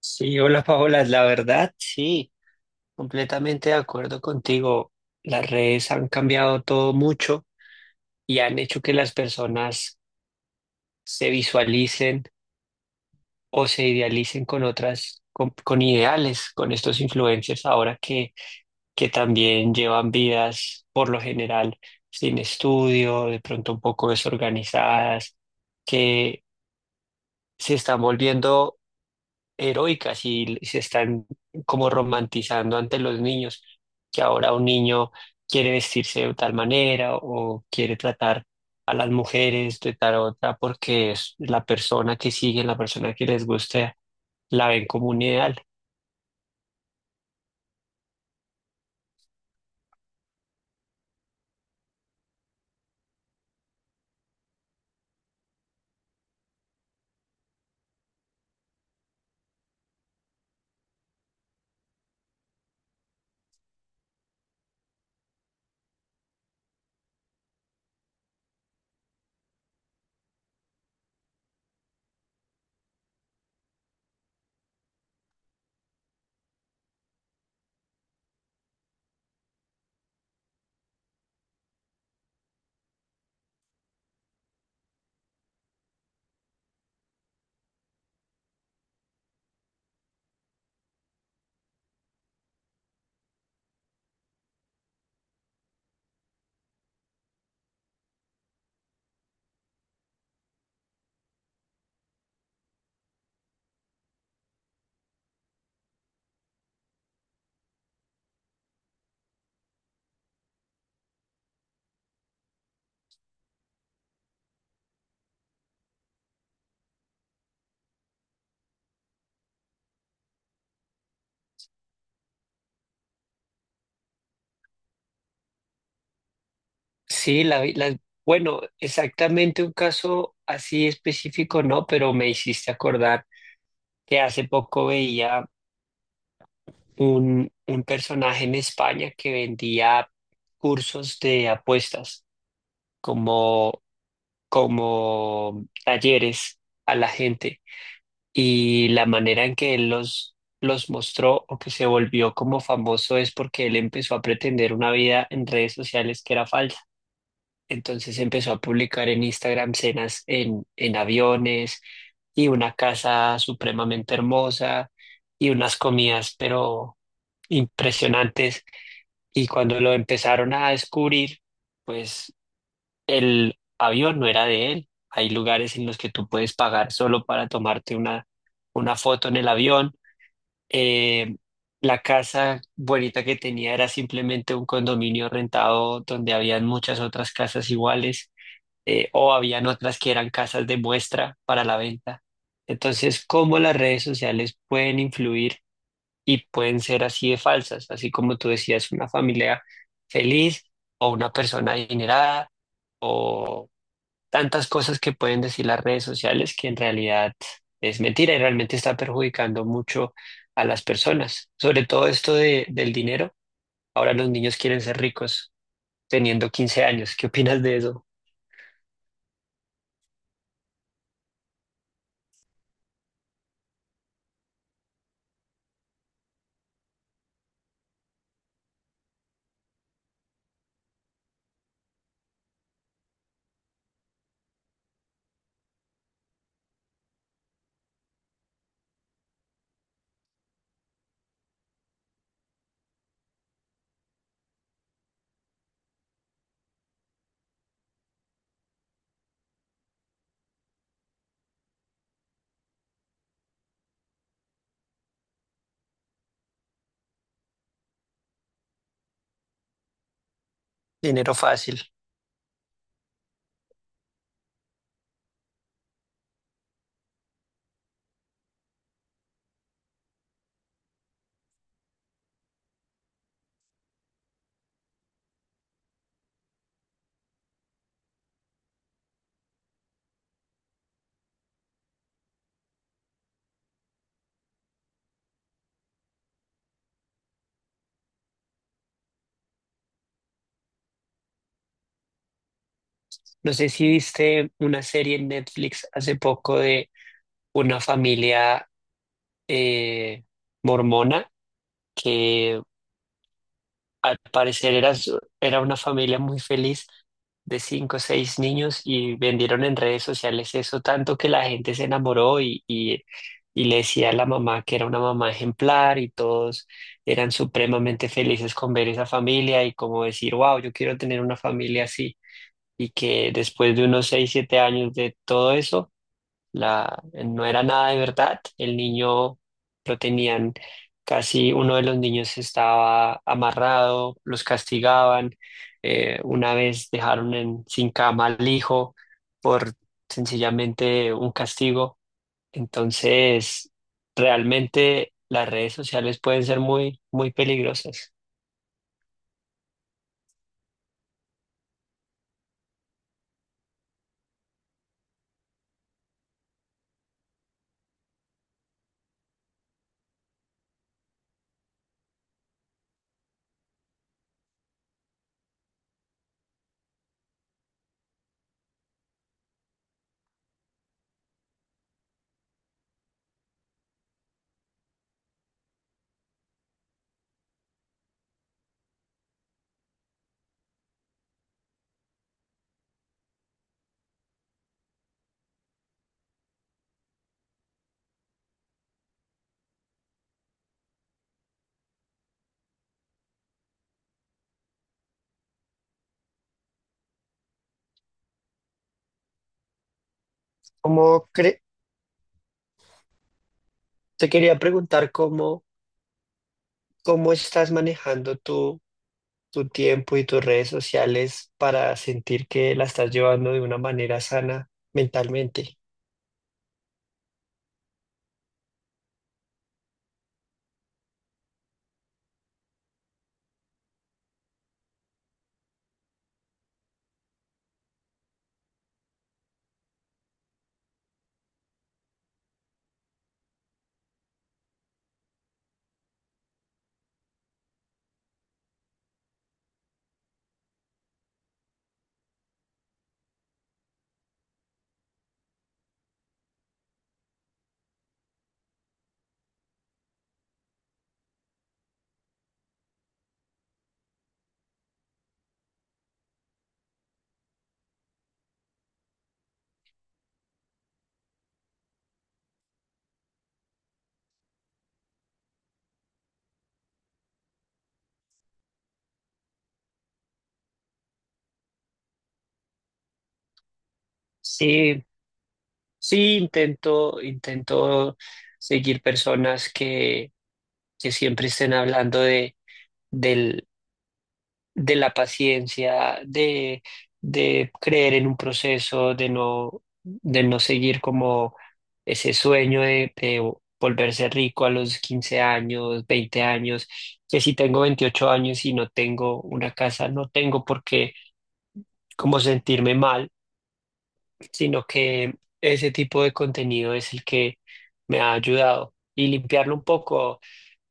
Sí, hola Paola, la verdad, sí, completamente de acuerdo contigo. Las redes han cambiado todo mucho y han hecho que las personas se visualicen o se idealicen con otras, con ideales, con estos influencers ahora que también llevan vidas por lo general sin estudio, de pronto un poco desorganizadas, que se están volviendo heroicas y se están como romantizando ante los niños, que ahora un niño quiere vestirse de tal manera o quiere tratar a las mujeres de tal otra porque es la persona que siguen, la persona que les gusta la ven como un ideal. Sí, bueno, exactamente un caso así específico no, pero me hiciste acordar que hace poco veía un personaje en España que vendía cursos de apuestas, como, como talleres a la gente, y la manera en que él los mostró o que se volvió como famoso es porque él empezó a pretender una vida en redes sociales que era falsa. Entonces empezó a publicar en Instagram cenas en aviones y una casa supremamente hermosa y unas comidas pero impresionantes. Y cuando lo empezaron a descubrir, pues el avión no era de él. Hay lugares en los que tú puedes pagar solo para tomarte una foto en el avión. Eh, la casa bonita que tenía era simplemente un condominio rentado donde habían muchas otras casas iguales, o habían otras que eran casas de muestra para la venta. Entonces, ¿cómo las redes sociales pueden influir y pueden ser así de falsas? Así como tú decías, una familia feliz o una persona adinerada o tantas cosas que pueden decir las redes sociales que en realidad es mentira y realmente está perjudicando mucho a las personas. Sobre todo esto de, del dinero. Ahora los niños quieren ser ricos teniendo 15 años. ¿Qué opinas de eso? Dinero fácil. No sé si viste una serie en Netflix hace poco de una familia, eh, mormona, que al parecer era una familia muy feliz de cinco o seis niños, y vendieron en redes sociales eso tanto que la gente se enamoró y le decía a la mamá que era una mamá ejemplar, y todos eran supremamente felices con ver esa familia y como decir: wow, yo quiero tener una familia así. Y que después de unos 6, 7 años de todo eso, la, no era nada de verdad. El niño lo tenían casi, uno de los niños estaba amarrado, los castigaban. Una vez dejaron sin cama al hijo por sencillamente un castigo. Entonces, realmente las redes sociales pueden ser muy, muy peligrosas. ¿Cómo cre- ¿Te quería preguntar cómo, estás manejando tú tu tiempo y tus redes sociales para sentir que la estás llevando de una manera sana mentalmente? Sí, sí, intento seguir personas que, siempre estén hablando de, del de la paciencia, de creer en un proceso, de no seguir como ese sueño de volverse rico a los 15 años, 20 años, que si tengo 28 años y no tengo una casa, no tengo por qué como sentirme mal, sino que ese tipo de contenido es el que me ha ayudado. Y limpiarlo un poco,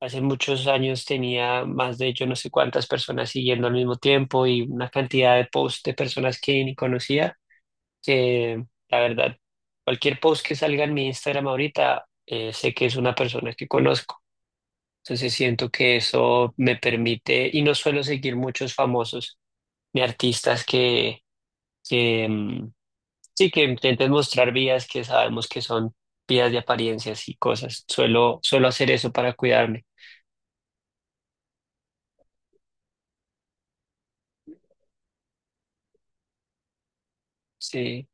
hace muchos años tenía más de yo no sé cuántas personas siguiendo al mismo tiempo, y una cantidad de posts de personas que ni conocía, que la verdad, cualquier post que salga en mi Instagram ahorita, sé que es una persona que conozco. Entonces siento que eso me permite, y no suelo seguir muchos famosos ni artistas. Que, mm, Sí, que intentes mostrar vías que sabemos que son vías de apariencias y cosas. Suelo hacer eso para cuidarme. Sí,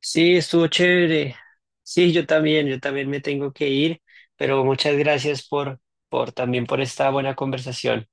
sí, estuvo chévere. Sí, yo también me tengo que ir, pero muchas gracias por también por esta buena conversación.